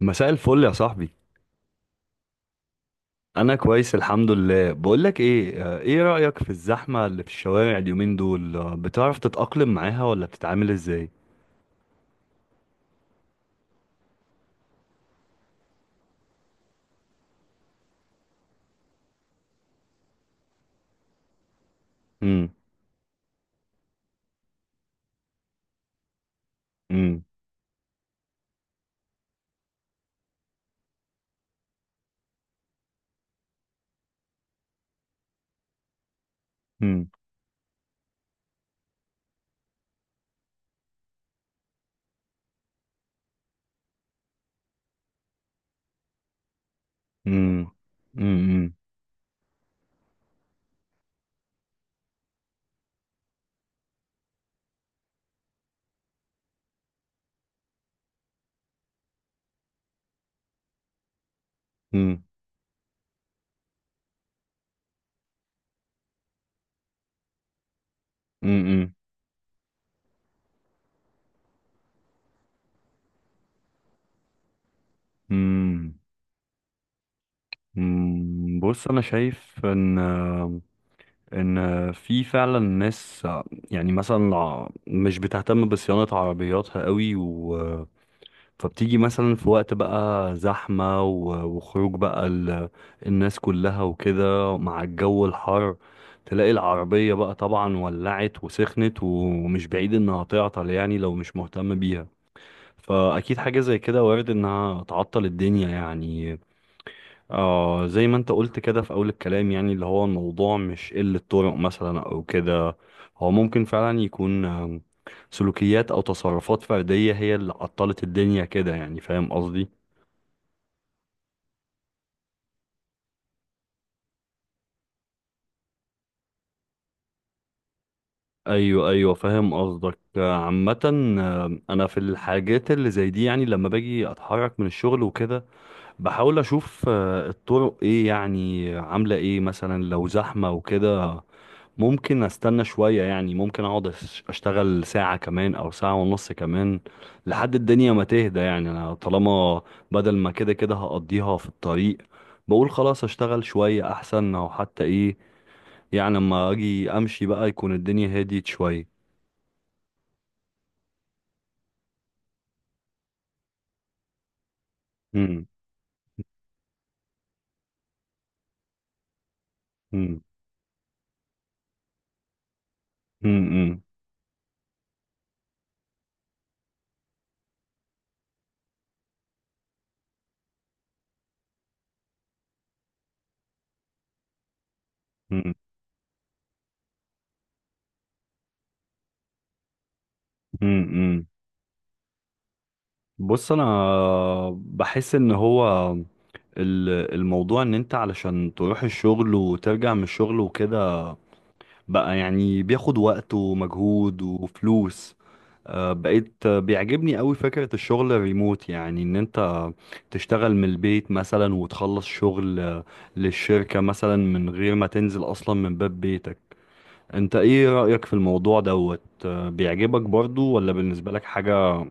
مساء الفل يا صاحبي. انا كويس الحمد لله. بقولك ايه، ايه رأيك في الزحمة اللي في الشوارع اليومين دول، بتعرف تتأقلم معاها ولا بتتعامل ازاي؟ امم. امم. امم. امم. امم. امم. امم. امم. أمم. بص انا شايف ان في فعلا ناس يعني مثلا مش بتهتم بصيانة عربياتها قوي. فبتيجي مثلا في وقت بقى زحمة وخروج بقى الناس كلها وكده مع الجو الحر. تلاقي العربية بقى طبعا ولعت وسخنت ومش بعيد انها تعطل، يعني لو مش مهتم بيها. فأكيد حاجة زي كده وارد انها تعطل الدنيا يعني. اه، زي ما انت قلت كده في اول الكلام، يعني اللي هو الموضوع مش قلة طرق مثلا او كده. هو ممكن فعلا يكون سلوكيات او تصرفات فردية هي اللي عطلت الدنيا كده، يعني فاهم قصدي؟ ايوه، ايوه، فاهم قصدك. عامة، انا في الحاجات اللي زي دي، يعني لما باجي اتحرك من الشغل وكده بحاول اشوف الطرق ايه يعني عاملة ايه مثلا، لو زحمة وكده ممكن استنى شوية. يعني ممكن اقعد اشتغل ساعة كمان او ساعة ونص كمان لحد الدنيا ما تهدى. يعني انا طالما بدل ما كده كده هقضيها في الطريق، بقول خلاص اشتغل شوية احسن، او حتى ايه، يعني لما اجي امشي بقى يكون الدنيا هديت شوية. مم. مم. مم. مم. مم. مم. مم. بص انا بحس ان هو الموضوع ان انت علشان تروح الشغل وترجع من الشغل وكده بقى يعني بياخد وقت ومجهود وفلوس. بقيت بيعجبني قوي فكرة الشغل الريموت، يعني ان انت تشتغل من البيت مثلا وتخلص شغل للشركة مثلا من غير ما تنزل اصلا من باب بيتك. انت ايه رأيك في الموضوع دوت، بيعجبك برضو ولا بالنسبة لك حاجة؟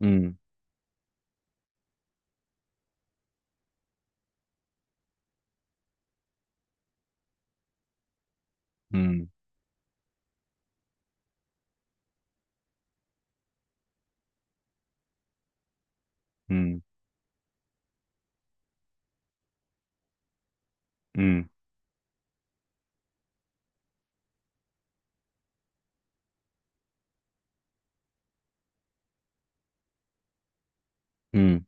مم. مم. مم. مم. مم.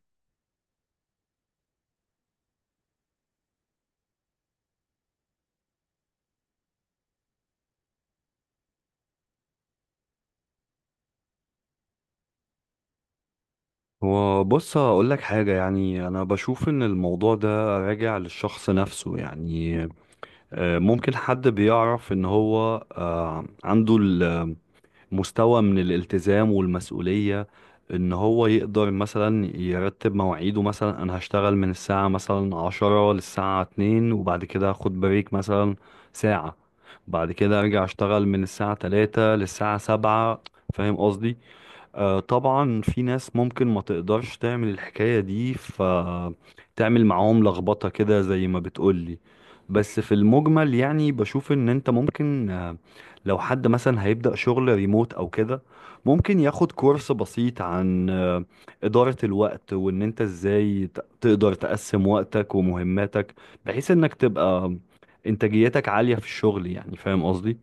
وبص هقول لك حاجة، يعني أنا بشوف إن الموضوع ده راجع للشخص نفسه. يعني ممكن حد بيعرف ان هو عنده المستوى من الالتزام والمسؤولية ان هو يقدر مثلا يرتب مواعيده. مثلا انا هشتغل من الساعة مثلا 10 للساعة 2، وبعد كده هاخد بريك مثلا ساعة، بعد كده ارجع اشتغل من الساعة 3 للساعة 7، فاهم قصدي؟ طبعا في ناس ممكن ما تقدرش تعمل الحكاية دي فتعمل معاهم لخبطة كده زي ما بتقولي. بس في المجمل يعني بشوف ان انت ممكن، لو حد مثلا هيبدأ شغل ريموت او كده ممكن ياخد كورس بسيط عن إدارة الوقت وان انت ازاي تقدر تقسم وقتك ومهماتك بحيث انك تبقى انتاجيتك عالية في الشغل، يعني فاهم قصدي؟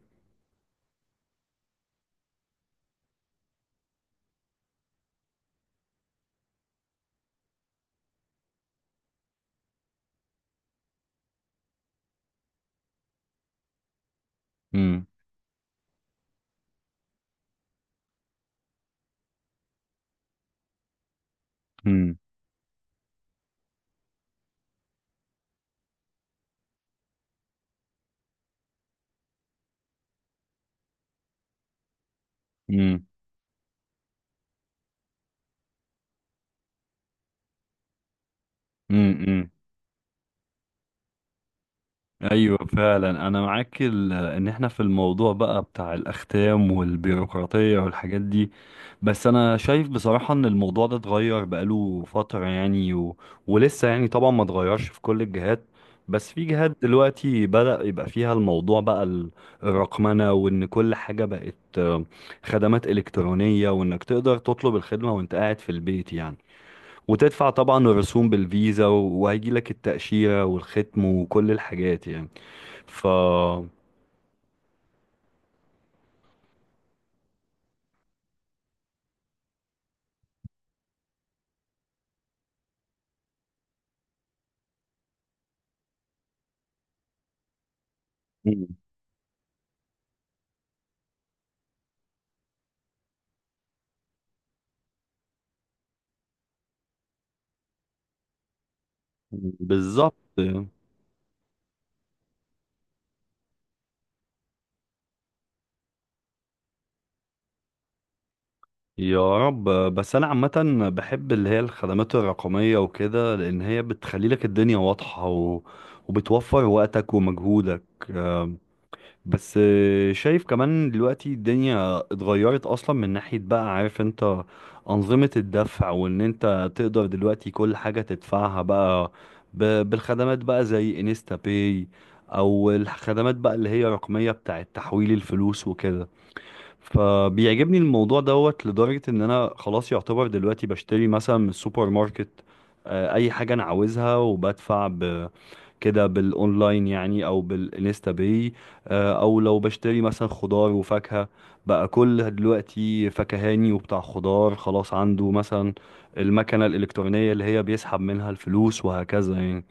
امم. امم. امم. ايوه فعلا انا معاك، ان احنا في الموضوع بقى بتاع الاختام والبيروقراطيه والحاجات دي. بس انا شايف بصراحه ان الموضوع ده اتغير بقاله فتره يعني، ولسه يعني طبعا ما اتغيرش في كل الجهات. بس في جهات دلوقتي بدأ يبقى فيها الموضوع بقى الرقمنه، وان كل حاجه بقت خدمات الكترونيه، وانك تقدر تطلب الخدمه وانت قاعد في البيت يعني، وتدفع طبعا الرسوم بالفيزا وهيجي لك التأشيرة والختم وكل الحاجات يعني. ف مم. بالظبط. يا رب. بس انا عامة بحب اللي هي الخدمات الرقمية وكده، لان هي بتخلي لك الدنيا واضحة وبتوفر وقتك ومجهودك. بس شايف كمان دلوقتي الدنيا اتغيرت اصلا من ناحية بقى، عارف انت انظمة الدفع، وان انت تقدر دلوقتي كل حاجة تدفعها بقى بالخدمات بقى زي انستا باي، او الخدمات بقى اللي هي رقمية بتاعة تحويل الفلوس وكده. فبيعجبني الموضوع دوت لدرجة ان انا خلاص يعتبر دلوقتي بشتري مثلا من السوبر ماركت اي حاجة انا عاوزها، وبدفع كده بالاونلاين يعني او بالانستا باي. او لو بشتري مثلا خضار وفاكهة، بقى كل دلوقتي فكهاني وبتاع خضار خلاص عنده مثلا المكنة الإلكترونية اللي هي بيسحب منها الفلوس، وهكذا يعني.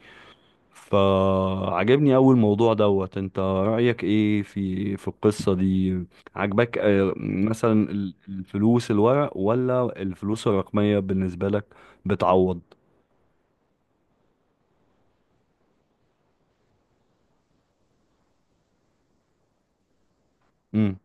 فعجبني أوي الموضوع دوت، انت رأيك ايه في القصة دي؟ عجبك مثلا الفلوس الورق ولا الفلوس الرقمية بالنسبة لك بتعوض؟ امم.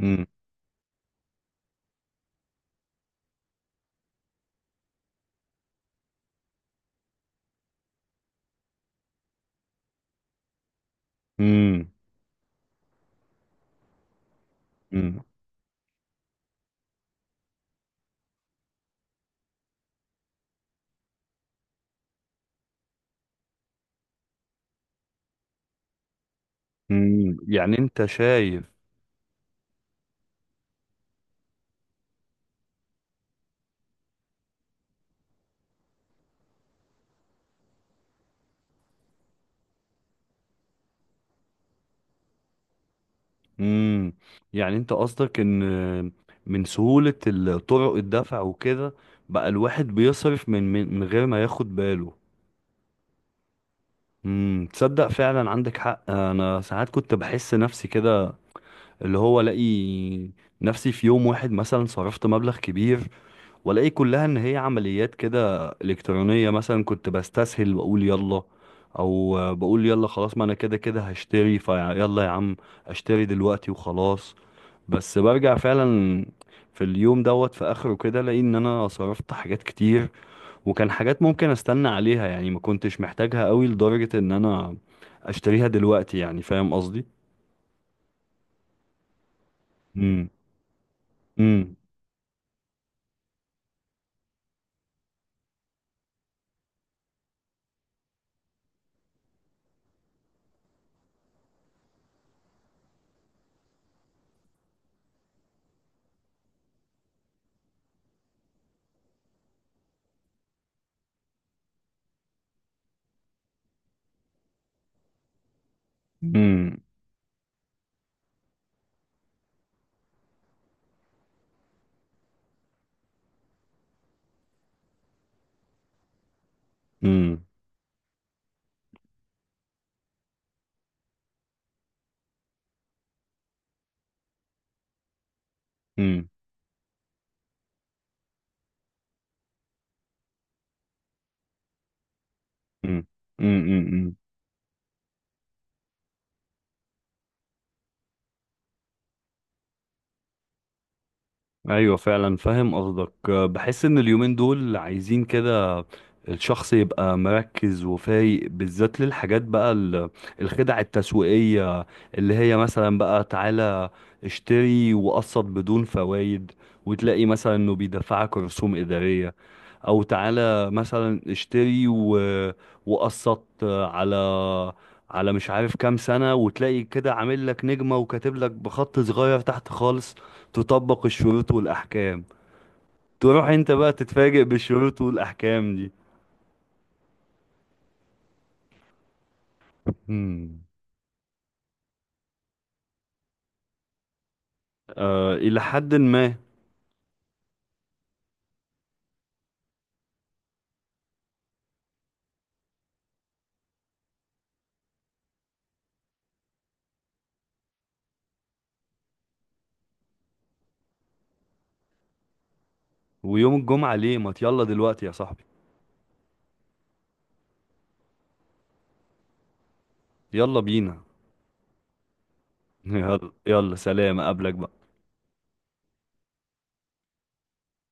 امم. امم. مم. يعني انت شايف. مم. يعني انت قصدك ان من سهولة طرق الدفع وكده بقى الواحد بيصرف من غير ما ياخد باله. مم. تصدق فعلا عندك حق. انا ساعات كنت بحس نفسي كده، اللي هو الاقي نفسي في يوم واحد مثلا صرفت مبلغ كبير، والاقي كلها ان هي عمليات كده الكترونيه. مثلا كنت بستسهل واقول يلا، او بقول يلا خلاص ما انا كده كده هشتري فيلا يا عم، اشتري دلوقتي وخلاص. بس برجع فعلا في اليوم دوت في اخره كده الاقي ان انا صرفت حاجات كتير، وكان حاجات ممكن استنى عليها، يعني ما كنتش محتاجها قوي لدرجه ان انا اشتريها دلوقتي، يعني فاهم قصدي؟ امم. امم. امم. امم. امم. امم. ايوه فعلا فاهم قصدك. بحس ان اليومين دول عايزين كده الشخص يبقى مركز وفايق، بالذات للحاجات بقى الخدع التسويقية، اللي هي مثلا بقى تعالى اشتري وقسط بدون فوائد، وتلاقي مثلا انه بيدفعك رسوم إدارية، او تعالى مثلا اشتري وقسط على مش عارف كام سنة، وتلاقي كده عامل لك نجمة وكاتب لك بخط صغير تحت خالص تطبق الشروط والأحكام. تروح أنت بقى تتفاجئ بالشروط والأحكام دي. امم. آه، إلى حد ما. ويوم الجمعة ليه؟ ما يلا دلوقتي يا صاحبي. يلا بينا. يلا يلا سلام أقابلك بقى.